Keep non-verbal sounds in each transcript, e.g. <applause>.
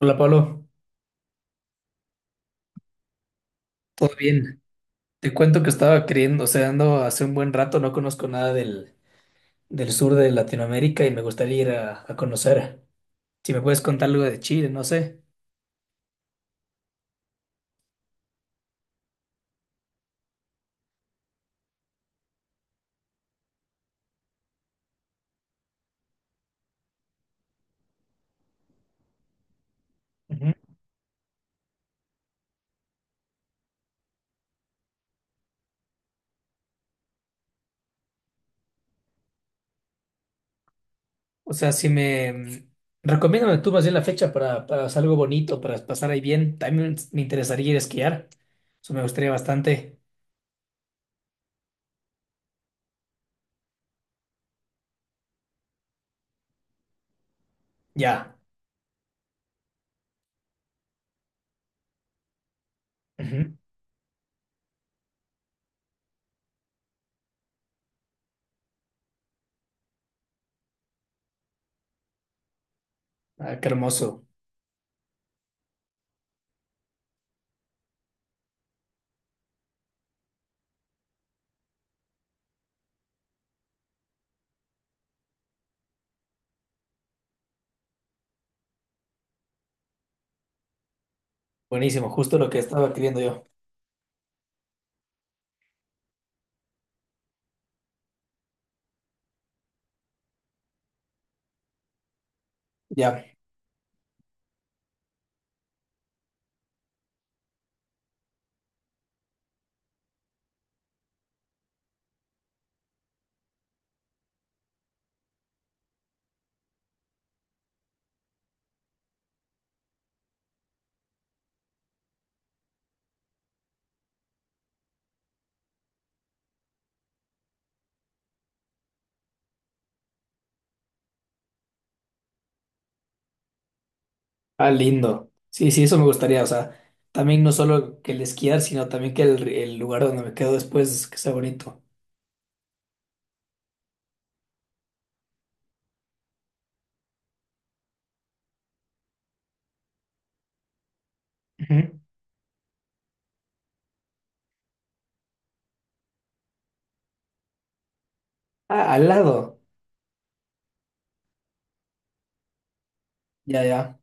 Hola Pablo, ¿todo bien? Te cuento que estaba queriendo, o sea, ando hace un buen rato, no conozco nada del sur de Latinoamérica y me gustaría ir a conocer. Si me puedes contar algo de Chile, no sé. Ujú. O sea, si me... mm, recomiéndame tú más bien la fecha para hacer algo bonito, para pasar ahí bien. También me interesaría ir a esquiar. Eso me gustaría bastante. Ya. Ujú. Ah, qué hermoso. Buenísimo, justo lo que estaba queriendo yo. Ya. Ah, lindo. Sí, sí, eso me gustaría. O sea, también no solo que el esquiar, sino también que el lugar donde me quedo después que sea bonito. Ujú. Ah, al lado. Ya, ya.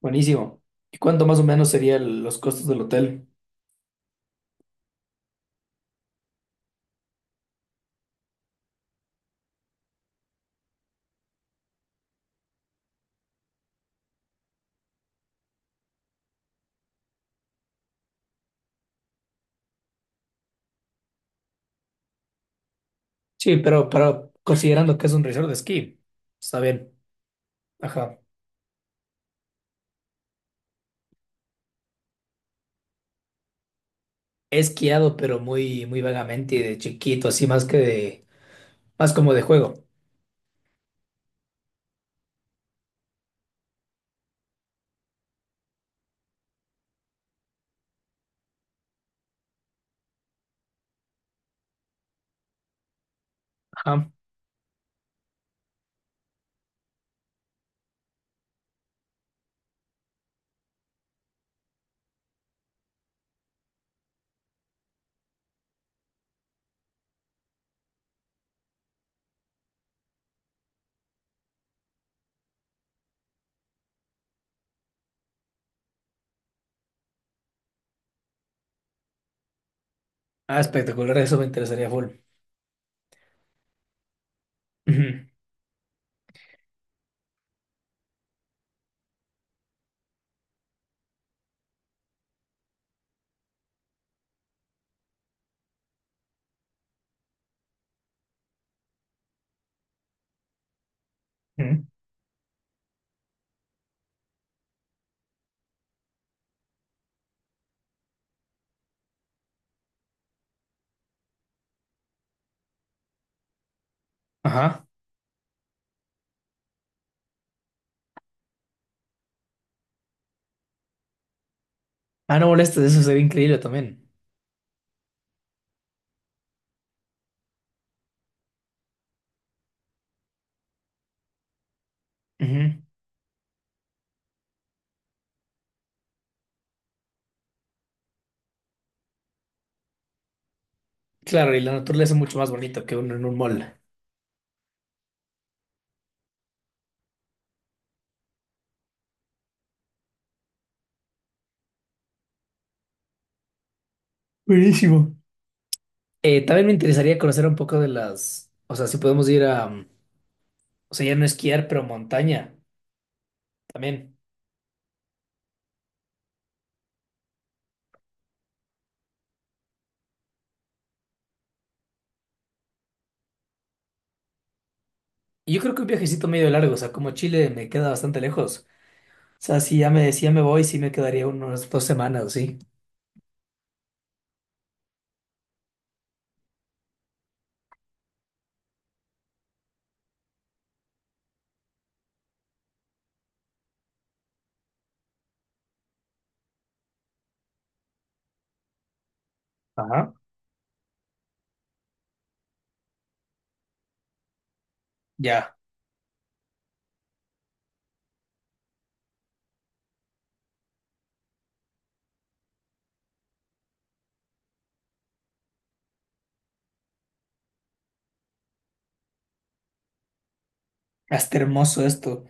Buenísimo. ¿Y cuánto más o menos serían los costos del hotel? Sí, pero considerando que es un resort de esquí, está bien. Ajá. He esquiado, pero muy, muy vagamente y de chiquito, así más como de juego. Ajá. Ah, espectacular, eso me interesaría full. Ujú. Ujú. Ajá. Ah, no molestes, eso sería increíble también. Ujú. Claro, y la naturaleza es mucho más bonito que uno en un mall. Buenísimo. También me interesaría conocer un poco o sea, si podemos ir o sea, ya no esquiar, pero montaña también. Y yo creo que un viajecito medio largo, o sea, como Chile me queda bastante lejos. O sea, si ya me decía me voy, sí me quedaría unas 2 semanas, o ¿sí? Ajá. Ya, hasta hermoso esto.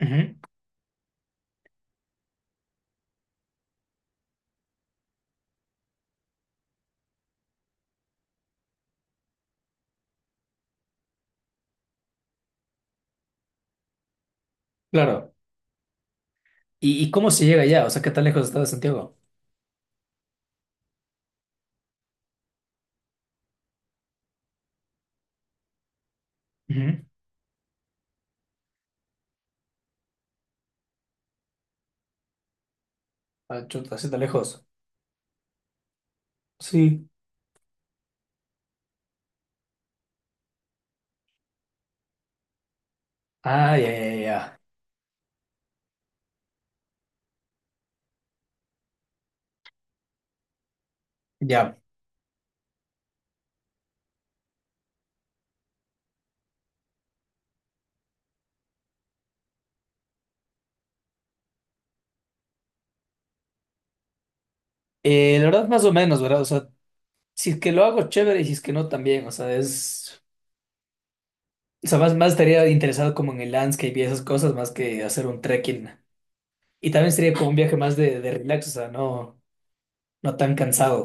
Ujú. Claro. ¿Y cómo se llega allá? O sea, ¿qué tan lejos está de Santiago? Ujú. Ah, chuta, así está lejos. Sí. Ah, ya, ya, ya. Ya. Ya. La verdad, más o menos, ¿verdad? O sea, si es que lo hago chévere y si es que no también, o sea, o sea, más estaría interesado como en el landscape y esas cosas más que hacer un trekking. Y también sería como un viaje más de relax, o sea, no, no tan cansado.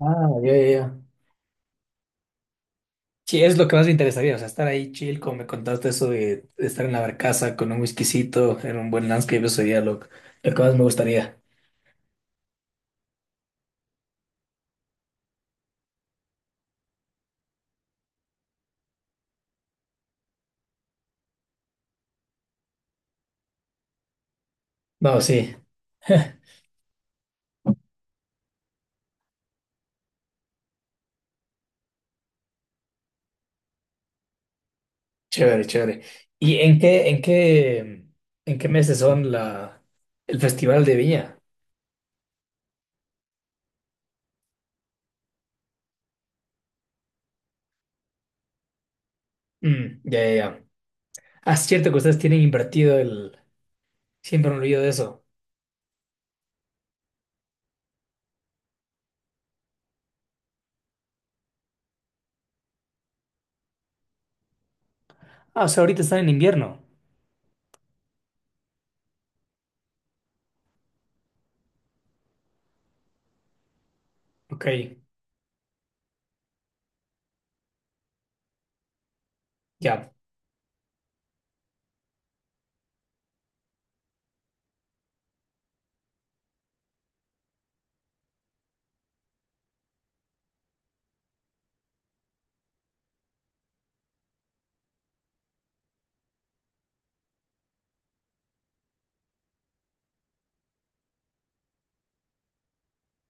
Ah, ya, ya, ya. Sí, es lo que más me interesaría, o sea, estar ahí chill, como me contaste eso de estar en la barcaza con un whiskycito, en un buen landscape, eso sería lo que más me gustaría. No, sí, <laughs> chévere, chévere. ¿Y en qué meses son el festival de Viña? Mm, ya, ya, ya. Ah, es cierto que ustedes tienen invertido. Siempre me olvido de eso. Ah, o sea, ahorita están en invierno. Ok, ya,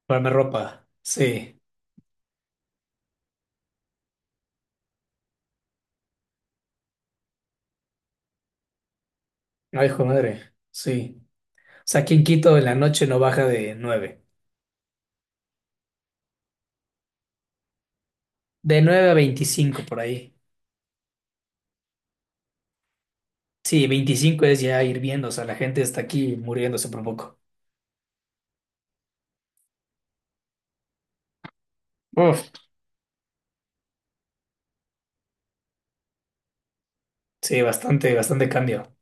ponerme ropa. Sí. Ay, hijo de madre. Sí. O sea, aquí en Quito en la noche no baja de nueve. De 9 a 25 por ahí. Sí, 25 es ya hirviendo. O sea, la gente está aquí muriéndose por poco. Uf. Sí, bastante, bastante cambio.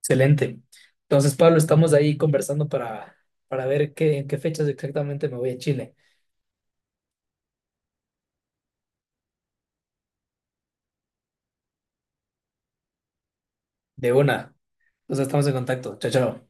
Excelente. Entonces, Pablo, estamos ahí conversando para ver en qué fechas exactamente me voy a Chile. De una. Entonces, estamos en contacto. Chao, chao.